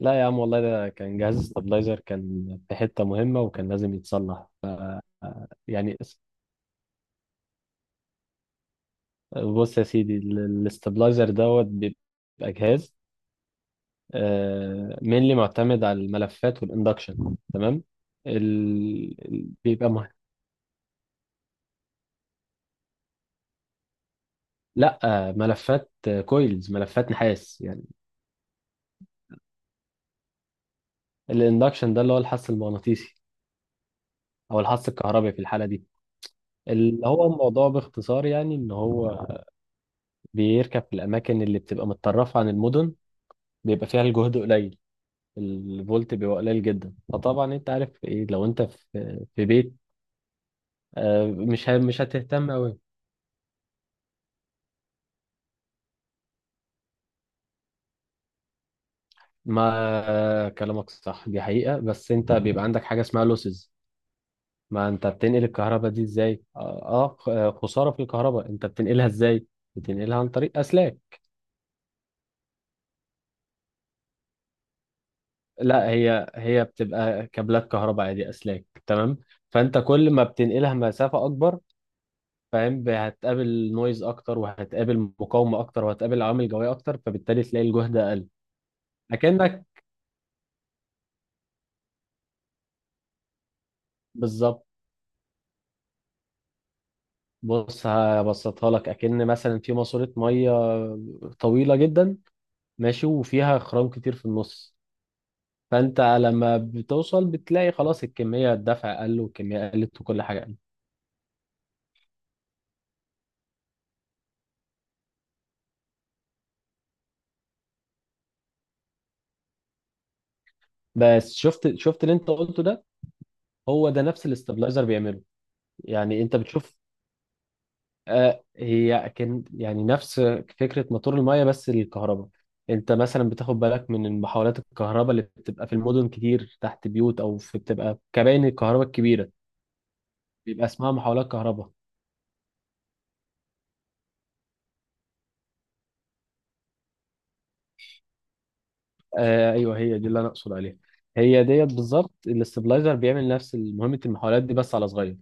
لا يا عم، والله ده كان جهاز استابلايزر، كان في حتة مهمة وكان لازم يتصلح. يعني اس- بص يا سيدي، الاستابلايزر دوت بيبقى جهاز مينلي معتمد على الملفات والاندكشن. تمام. ال... ال- بيبقى مه... لا، ملفات كويلز، ملفات نحاس يعني. الاندكشن ده اللي هو الحث المغناطيسي او الحث الكهربي في الحالة دي. اللي هو الموضوع باختصار يعني ان هو بيركب في الاماكن اللي بتبقى متطرفة عن المدن، بيبقى فيها الجهد قليل، الفولت بيبقى قليل جدا. فطبعا انت عارف ايه؟ لو انت في بيت، مش هتهتم قوي. ما آه، كلامك صح، دي حقيقة، بس انت بيبقى عندك حاجة اسمها لوسز. ما انت بتنقل الكهرباء دي ازاي؟ اه. خسارة في الكهرباء، انت بتنقلها ازاي؟ بتنقلها عن طريق اسلاك. لا، هي بتبقى كابلات كهرباء عادي، اسلاك. تمام. فانت كل ما بتنقلها مسافة اكبر، فاهم؟ هتقابل نويز اكتر، وهتقابل مقاومه اكتر، وهتقابل عوامل جويه اكتر، فبالتالي تلاقي الجهد اقل. اكنك. بالظبط. بص هبسطها لك، اكن مثلا في ماسوره ميه طويله جدا، ماشي، وفيها خرام كتير في النص. فانت لما بتوصل بتلاقي خلاص الكميه الدفع قل والكميه قلت وكل حاجه قلت. بس شفت اللي انت قلته ده، هو ده نفس الاستابلايزر بيعمله. يعني انت بتشوف. هي كان يعني نفس فكرة موتور المية بس للكهرباء. انت مثلا بتاخد بالك من محاولات الكهرباء اللي بتبقى في المدن كتير، تحت بيوت او في بتبقى كباين الكهرباء الكبيرة. بيبقى اسمها محاولات كهرباء. آه ايوه، هي دي اللي انا اقصد عليها. هي ديت بالظبط الاستبلايزر بيعمل نفس مهمة المحاولات دي بس على صغير.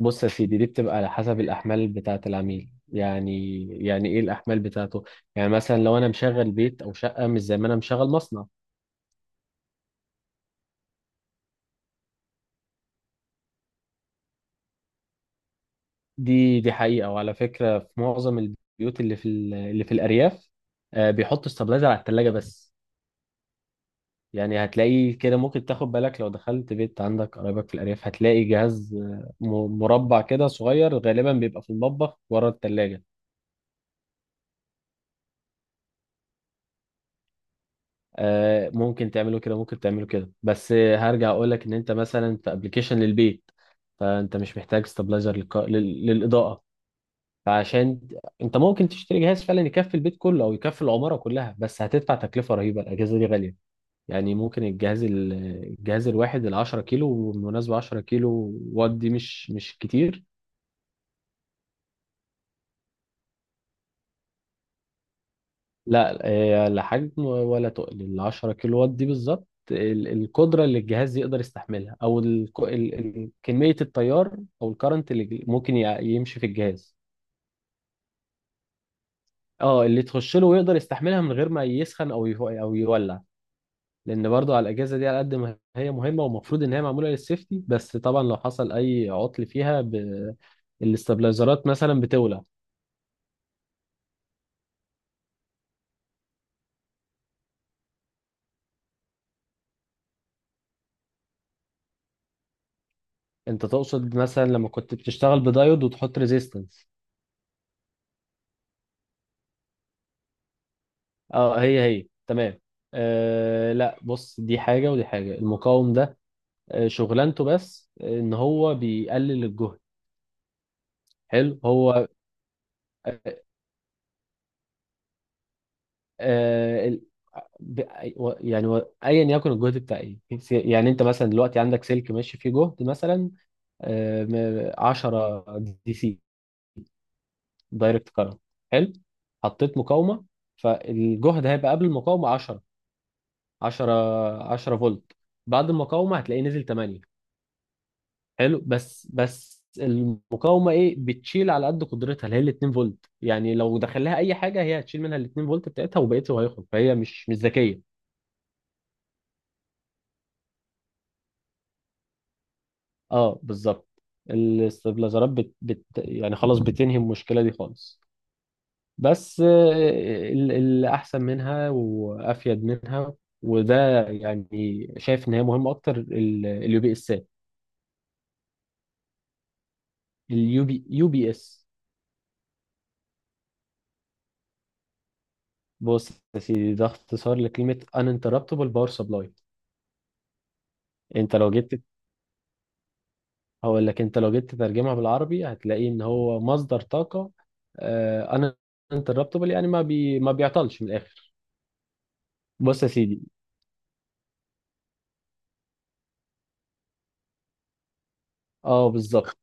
بص يا سيدي، دي بتبقى على حسب الاحمال بتاعة العميل. يعني يعني ايه الاحمال بتاعته؟ يعني مثلا لو انا مشغل بيت او شقة مش زي ما انا مشغل مصنع. دي حقيقة. وعلى فكرة في معظم البيوت اللي في الأرياف، بيحطوا استابلايزر على التلاجة بس. يعني هتلاقي كده ممكن تاخد بالك لو دخلت بيت عندك قرايبك في الأرياف، هتلاقي جهاز مربع كده صغير، غالبا بيبقى في المطبخ ورا التلاجة. ممكن تعمله كده بس هرجع أقولك إن أنت مثلا في أبلكيشن للبيت، فأنت مش محتاج استابلايزر للإضاءة. فعشان انت ممكن تشتري جهاز فعلا يكفي البيت كله او يكفي العماره كلها، بس هتدفع تكلفه رهيبه. الاجهزه دي غاليه. يعني الجهاز الواحد، ال 10 كيلو بالمناسبه، 10 كيلو وات دي مش كتير. لا، لا حجم ولا تقل. ال 10 كيلو وات دي بالظبط القدره اللي الجهاز يقدر يستحملها، او ال كميه التيار، او الكرنت اللي ممكن يمشي في الجهاز. اه، اللي تخش له ويقدر يستحملها من غير ما يسخن او يولع. لان برضو على الاجهزه دي، على قد ما هي مهمه ومفروض ان هي معموله للسيفتي، بس طبعا لو حصل اي عطل فيها الاستابلايزرات مثلا بتولع. انت تقصد مثلا لما كنت بتشتغل بدايود وتحط ريزيستنس. اه، هي تمام. آه لا، بص دي حاجه ودي حاجه. المقاوم ده، آه شغلانته بس ان هو بيقلل الجهد. حلو هو. آه. آه، ال- ب... و- يعني و- ايا يكن الجهد بتاع ايه، يعني انت مثلا دلوقتي عندك سلك ماشي فيه جهد مثلا 10، دي سي، دايركت كارنت. حلو. حطيت مقاومه، فالجهد هيبقى قبل المقاومه 10، 10 10 فولت. بعد المقاومه هتلاقيه نزل 8. حلو. بس المقاومه ايه، بتشيل على قد قدرتها، اللي هي ال 2 فولت. يعني لو دخل لها اي حاجه هي هتشيل منها ال 2 فولت بتاعتها وبقيته هيخرج، فهي مش ذكيه. اه بالظبط. الاستابلايزرات بت... بت... يعني خلاص بتنهي المشكله دي خالص. بس اللي احسن منها وافيد منها، وده يعني شايف ان هي مهمه اكتر، اليو بي اسات، اليو بي يو بي اس. بص يا سيدي، ده اختصار لكلمه uninterruptible power supply. انت لو جيت، هقول لك انت لو جيت تترجمها بالعربي هتلاقي ان هو مصدر طاقه. آه، uninterruptible يعني ما بيعطلش من الاخر. بص يا سيدي. اه بالظبط.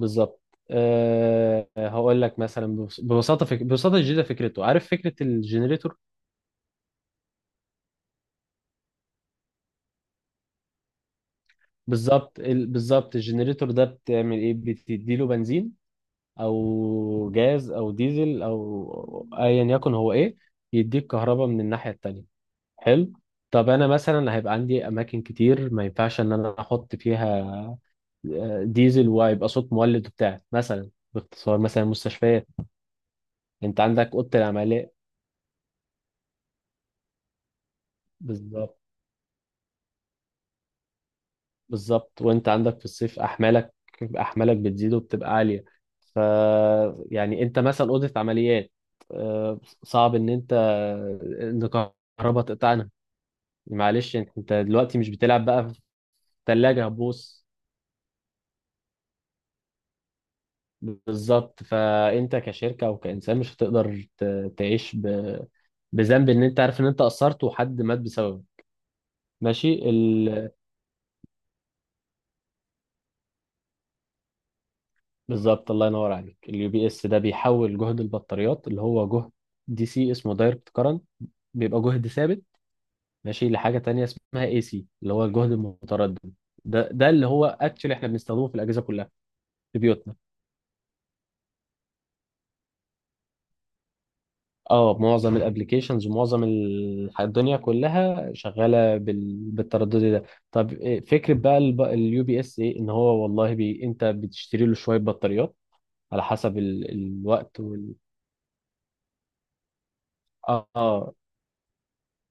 بالظبط. أه هقول لك مثلا ببساطه جدا فكرته. عارف فكره الجنريتور؟ بالظبط. بالظبط الجنريتور ده بتعمل ايه؟ بتديله بنزين او جاز او ديزل او ايا يكن هو ايه، يديك كهرباء من الناحيه التانيه. حلو. طب انا مثلا هيبقى عندي اماكن كتير ما ينفعش ان انا احط فيها ديزل وهيبقى صوت مولد وبتاع، مثلا باختصار مثلا مستشفيات. انت عندك اوضه العمليه. بالظبط. بالظبط. وانت عندك في الصيف احمالك بتزيد وبتبقى عاليه. ف يعني انت مثلا اوضه عمليات، صعب ان انت ان كهرباء تقطعنا. معلش، أنت دلوقتي مش بتلعب بقى في ثلاجه هتبوظ. بالظبط. فانت كشركه او كانسان مش هتقدر تعيش بذنب ان انت عارف ان انت قصرت وحد مات بسببه. ماشي. بالظبط. الله ينور عليك. اليو بي اس ده بيحول جهد البطاريات، اللي هو جهد دي سي، اسمه دايركت كارنت، بيبقى جهد ثابت، ماشي لحاجه تانية اسمها اي سي، اللي هو الجهد المتردد. ده اللي هو اكشلي احنا بنستخدمه في الاجهزه كلها في بيوتنا. اه، معظم الابلكيشنز ومعظم الدنيا كلها شغاله بالتردد ده. طب إيه فكره بقى اليو بي اس؟ ايه ان هو، والله انت بتشتري له شويه بطاريات على حسب الوقت اه.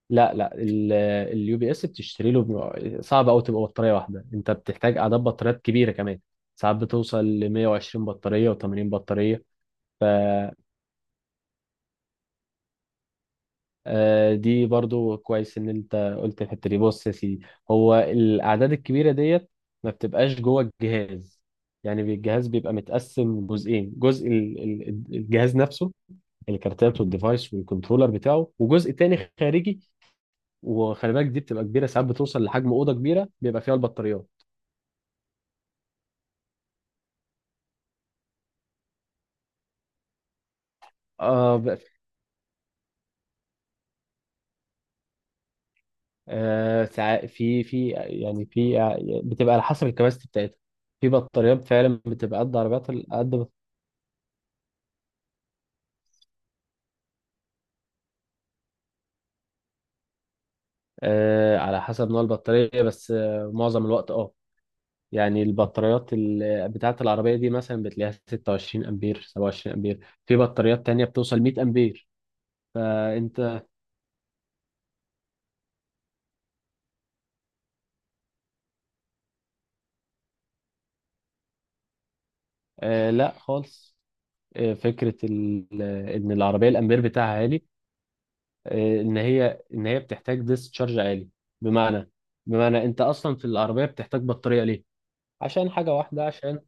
لا اليو بي اس بتشتري له صعب قوي تبقى بطاريه واحده، انت بتحتاج اعداد بطاريات كبيره كمان، ساعات بتوصل ل 120 بطاريه و 80 بطاريه. ف دي برضو كويس ان انت قلت الحته دي. بص يا سيدي، هو الاعداد الكبيره ديت ما بتبقاش جوه الجهاز. يعني الجهاز بيبقى متقسم جزئين، جزء الجهاز نفسه، الكارتات والديفايس والكنترولر بتاعه، وجزء تاني خارجي. وخلي بالك دي بتبقى كبيره، ساعات بتوصل لحجم اوضه كبيره بيبقى فيها البطاريات. اه في، بتبقى على حسب الكباستي بتاعتها. في بطاريات فعلا بتبقى قد عربيات قد. آه على حسب نوع البطارية، بس آه معظم الوقت اه، يعني البطاريات بتاعة العربية دي مثلا بتلاقيها 26 أمبير، 27 أمبير. في بطاريات تانية بتوصل 100 أمبير. فأنت. آه لا خالص. آه فكرة إن العربية الأمبير بتاعها عالي، ان هي بتحتاج ديسشارج عالي. بمعنى بمعنى انت اصلا في العربيه بتحتاج بطاريه ليه؟ عشان حاجه واحده، عشان.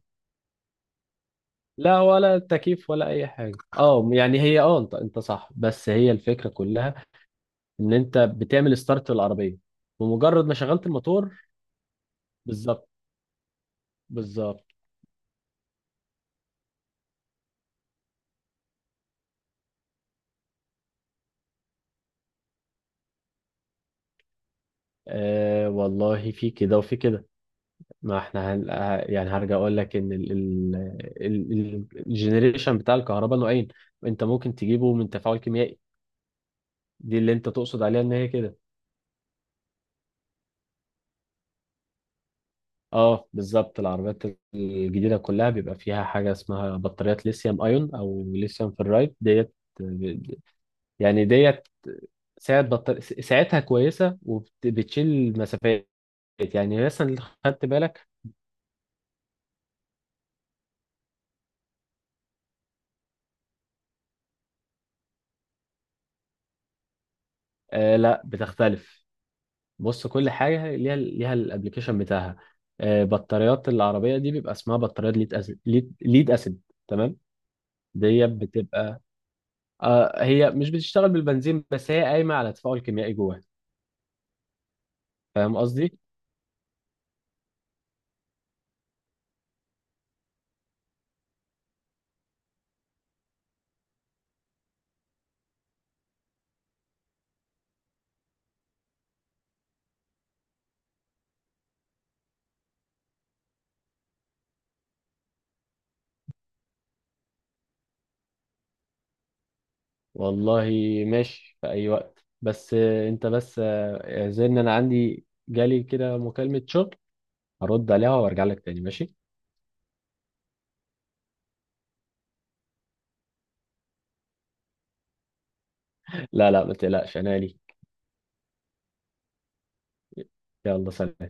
لا ولا تكييف ولا اي حاجه، اه يعني هي اه، انت صح، بس هي الفكره كلها ان انت بتعمل ستارت للعربيه بمجرد ما شغلت الموتور. بالظبط. بالظبط. آه والله في كده وفي كده. ما احنا هن... آه، يعني هرجع اقول لك ان الجنريشن بتاع الكهرباء نوعين، انت ممكن تجيبه من تفاعل كيميائي. دي اللي انت تقصد عليها ان هي كده. اه بالظبط. العربيات الجديده كلها بيبقى فيها حاجه اسمها بطاريات ليثيوم ايون او ليثيوم فيرايد ديت. يعني ديت ساعتها كويسة وبتشيل مسافات. يعني مثلا. خدت بالك. آه لا بتختلف. بص كل حاجة ليها الابليكيشن بتاعها. آه بطاريات العربية دي بيبقى اسمها بطاريات ليد اسيد، ليد، ليد اسيد. تمام. دي بتبقى. آه هي مش بتشتغل بالبنزين، بس هي قايمة على تفاعل كيميائي جواها. فاهم قصدي؟ والله ماشي في أي وقت. بس آه أنت بس آه زي إن أنا عندي جالي كده مكالمة شغل، هرد عليها وأرجع لك تاني، ماشي؟ لا ما تقلقش أنا لي. يلا سلام.